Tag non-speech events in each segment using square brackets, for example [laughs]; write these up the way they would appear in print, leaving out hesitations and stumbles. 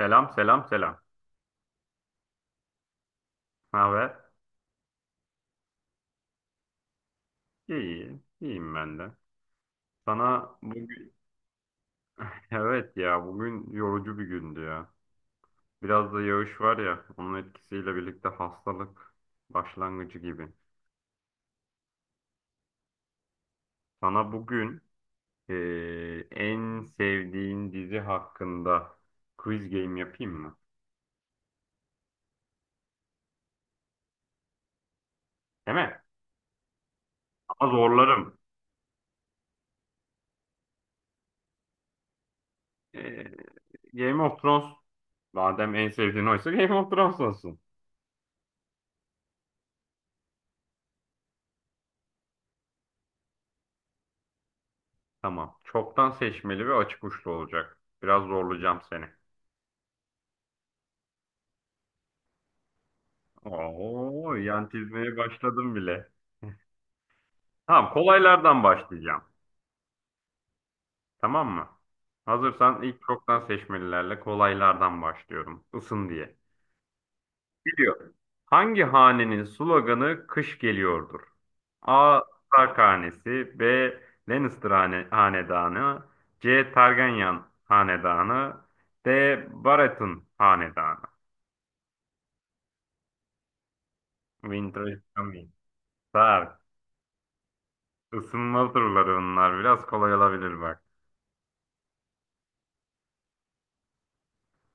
Selam, selam, selam. Ne haber? İyi, iyiyim ben de. Sana bugün [laughs] evet ya, bugün yorucu bir gündü ya. Biraz da yağış var ya, onun etkisiyle birlikte hastalık başlangıcı gibi. Sana bugün en sevdiğin dizi hakkında quiz game yapayım mı? Değil mi? Ama zorlarım. Eee, Game of Thrones madem en sevdiğin oysa Game of Thrones olsun. Tamam. Çoktan seçmeli ve açık uçlu olacak. Biraz zorlayacağım seni. Oo, yan çizmeye başladım bile. Tamam, kolaylardan başlayacağım. Tamam mı? Hazırsan ilk çoktan seçmelilerle kolaylardan başlıyorum. Isın diye. Biliyor. Hangi hanenin sloganı kış geliyordur? A. Stark hanesi, B. Hanedanı, C. Targaryen hanedanı, D. Baratheon hanedanı. Winter is coming. Berk, ısınma turları bunlar. Biraz kolay olabilir bak.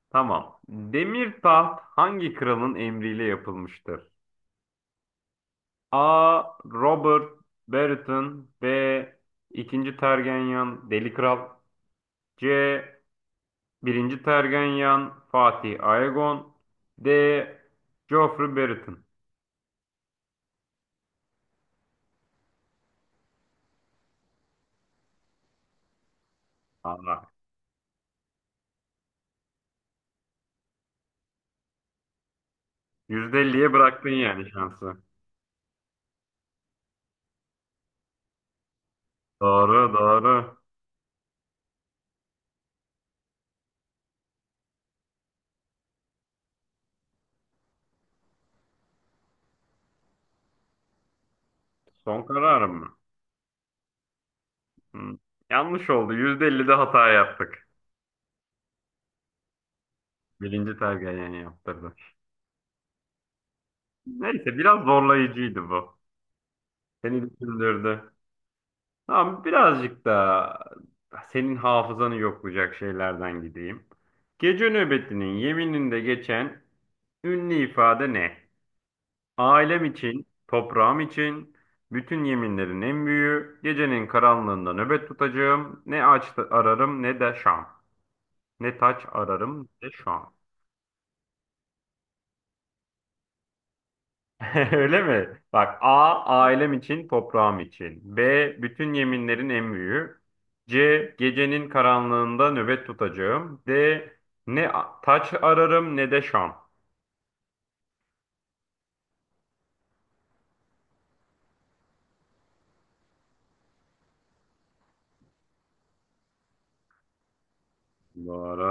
Tamam. Demir taht hangi kralın emriyle yapılmıştır? A. Robert Baratheon, B. 2. Tergenyan Deli Kral, C. 1. Tergenyan Fatih Aegon, D. Joffrey Baratheon. Aa, %50'ye bıraktın yani şansı. Doğru, doğru. Son kararım mı? Hı. Yanlış oldu. %50'de hata yaptık. Birinci tergayen yaptırdı. Neyse, biraz zorlayıcıydı bu. Seni düşündürdü. Ama birazcık da senin hafızanı yoklayacak şeylerden gideyim. Gece nöbetinin yemininde geçen ünlü ifade ne? Ailem için, toprağım için, bütün yeminlerin en büyüğü, gecenin karanlığında nöbet tutacağım, ne aç ararım ne de şam. Ne taç ararım ne de şam. [laughs] Öyle mi? Bak, A ailem için, toprağım için. B bütün yeminlerin en büyüğü. C gecenin karanlığında nöbet tutacağım. D taç ararım ne de şam. Doğru.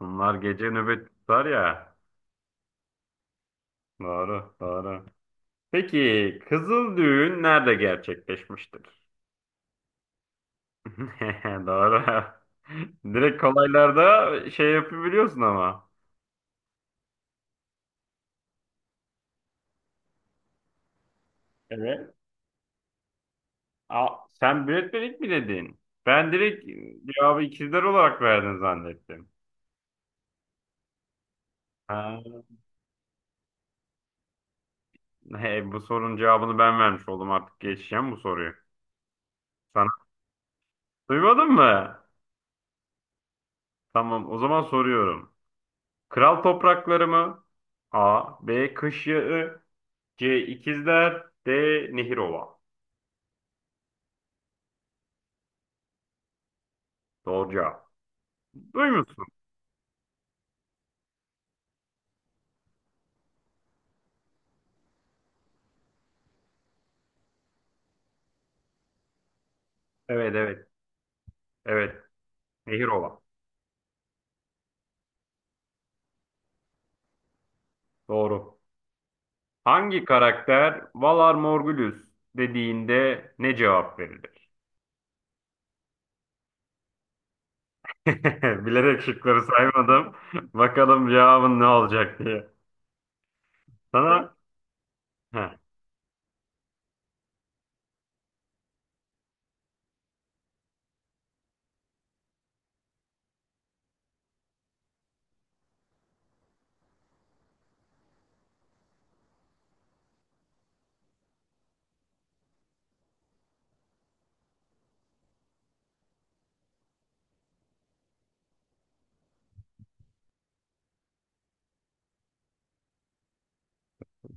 Bunlar gece nöbet tutar ya. Doğru, doğru. Peki kızıl düğün nerede gerçekleşmiştir? [laughs] Doğru. Direkt kolaylarda şey yapabiliyorsun ama. Evet. Aa, sen Brad Pitt mi dedin? Ben direkt cevabı ikizler olarak verdin zannettim. Ha, he, bu sorunun cevabını ben vermiş oldum, artık geçeceğim bu soruyu. Sana duymadın mı? Tamam, o zaman soruyorum. Kral toprakları mı? A. B. Kış Yağı, C. İkizler, D. Nehirova. Doğru cevap. Duymuşsun. Evet, evet, evet, Nehirova. Doğru. Hangi karakter Valar Morghulis dediğinde ne cevap verir? [laughs] Bilerek şıkları saymadım. Bakalım cevabın ne olacak diye. Sana heh,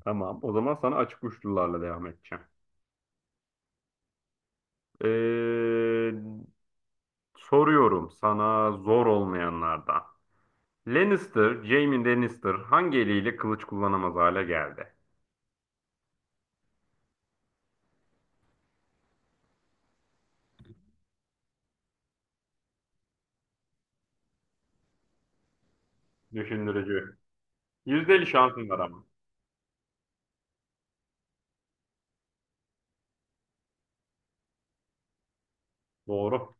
tamam. O zaman sana açık uçlularla devam edeceğim. Ee, soruyorum sana zor olmayanlardan. Lannister, Jaime Lannister hangi eliyle kılıç kullanamaz hale geldi? Düşündürücü. %50 şansın var ama. Doğru.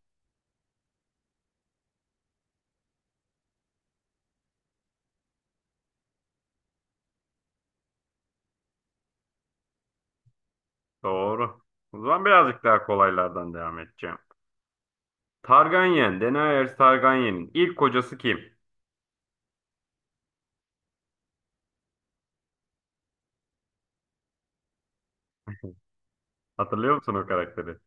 Doğru. O zaman birazcık daha kolaylardan devam edeceğim. Targaryen, Daenerys Targaryen'in ilk kocası kim? Hatırlıyor musun o karakteri?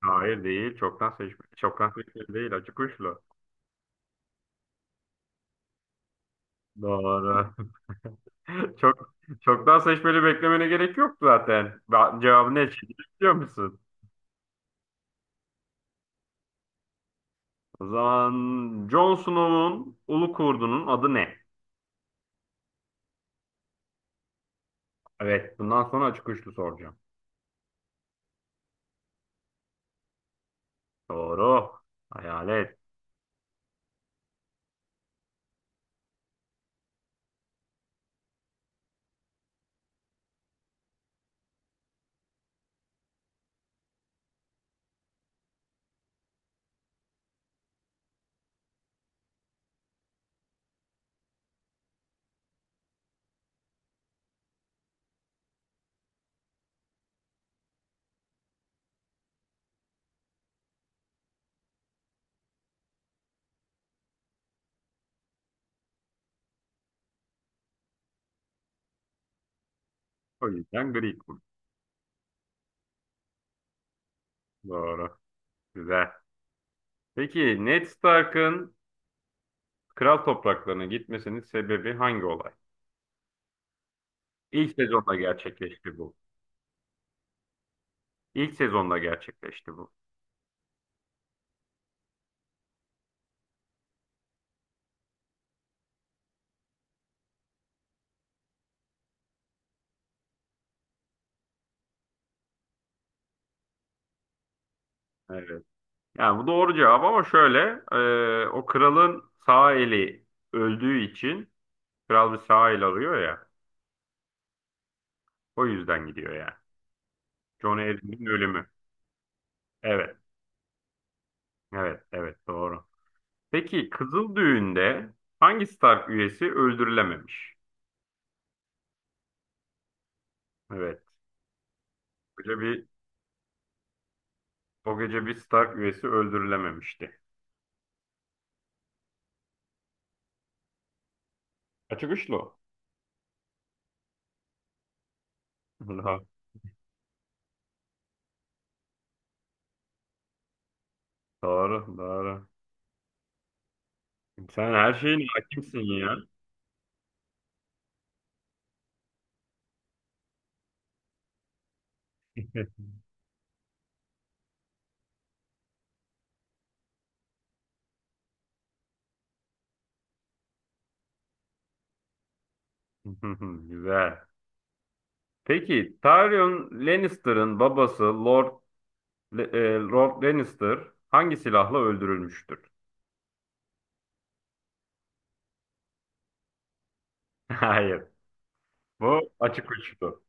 Hayır değil. Çoktan seçmeli. Çoktan seçmeli değil. Acı kuşlu. Doğru. [laughs] Çok çoktan seçmeli beklemene gerek yok zaten. Cevabı ne çıktı biliyor musun? O zaman Jon Snow'un ulu kurdunun adı ne? Evet. Bundan sonra açık uçlu soracağım. Doğru. Hayalet. O yüzden gri kurt. Doğru. Güzel. Peki Ned Stark'ın kral topraklarına gitmesinin sebebi hangi olay? İlk sezonda gerçekleşti bu. İlk sezonda gerçekleşti bu. Evet. Yani bu doğru cevap, ama şöyle, o kralın sağ eli öldüğü için kral bir sağ el arıyor ya, o yüzden gidiyor yani. John Arryn'in ölümü. Evet, evet, evet, doğru. Peki Kızıl Düğün'de hangi Stark üyesi öldürülememiş? Evet. O gece bir, o gece bir Stark üyesi öldürülememişti. Açık uçlu. O. [laughs] Doğru, doğru, doğru. Sen her şeyin hakimsin ya. [laughs] Güzel. Peki Tyrion Lannister'ın babası Lord Lord Lannister hangi silahla öldürülmüştür? [laughs] Hayır. Bu açık uçtu.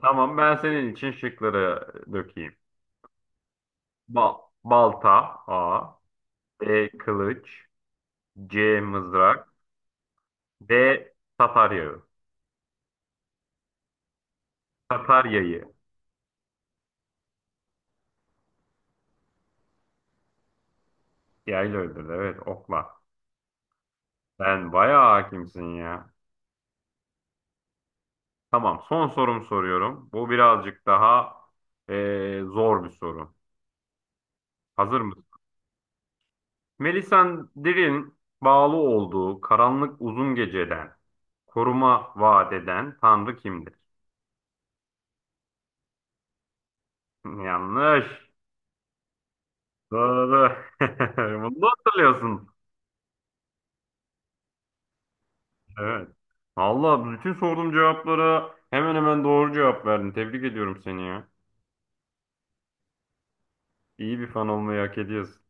Tamam, ben senin için şıkları dökeyim. Balta A. B. Kılıç, C. Mızrak, D. Tatar yağı. Tatar yayı. Yayla öldürdü, evet, okla. Sen bayağı hakimsin ya. Tamam, son sorum soruyorum. Bu birazcık daha zor bir soru. Hazır mısın? Melisandre'in bağlı olduğu karanlık uzun geceden koruma vaat eden tanrı kimdir? Yanlış. Doğru. [laughs] Bunu da hatırlıyorsun. Evet. Allah, bütün sorduğum cevaplara hemen hemen doğru cevap verdin. Tebrik ediyorum seni ya. İyi bir fan olmayı hak ediyorsun.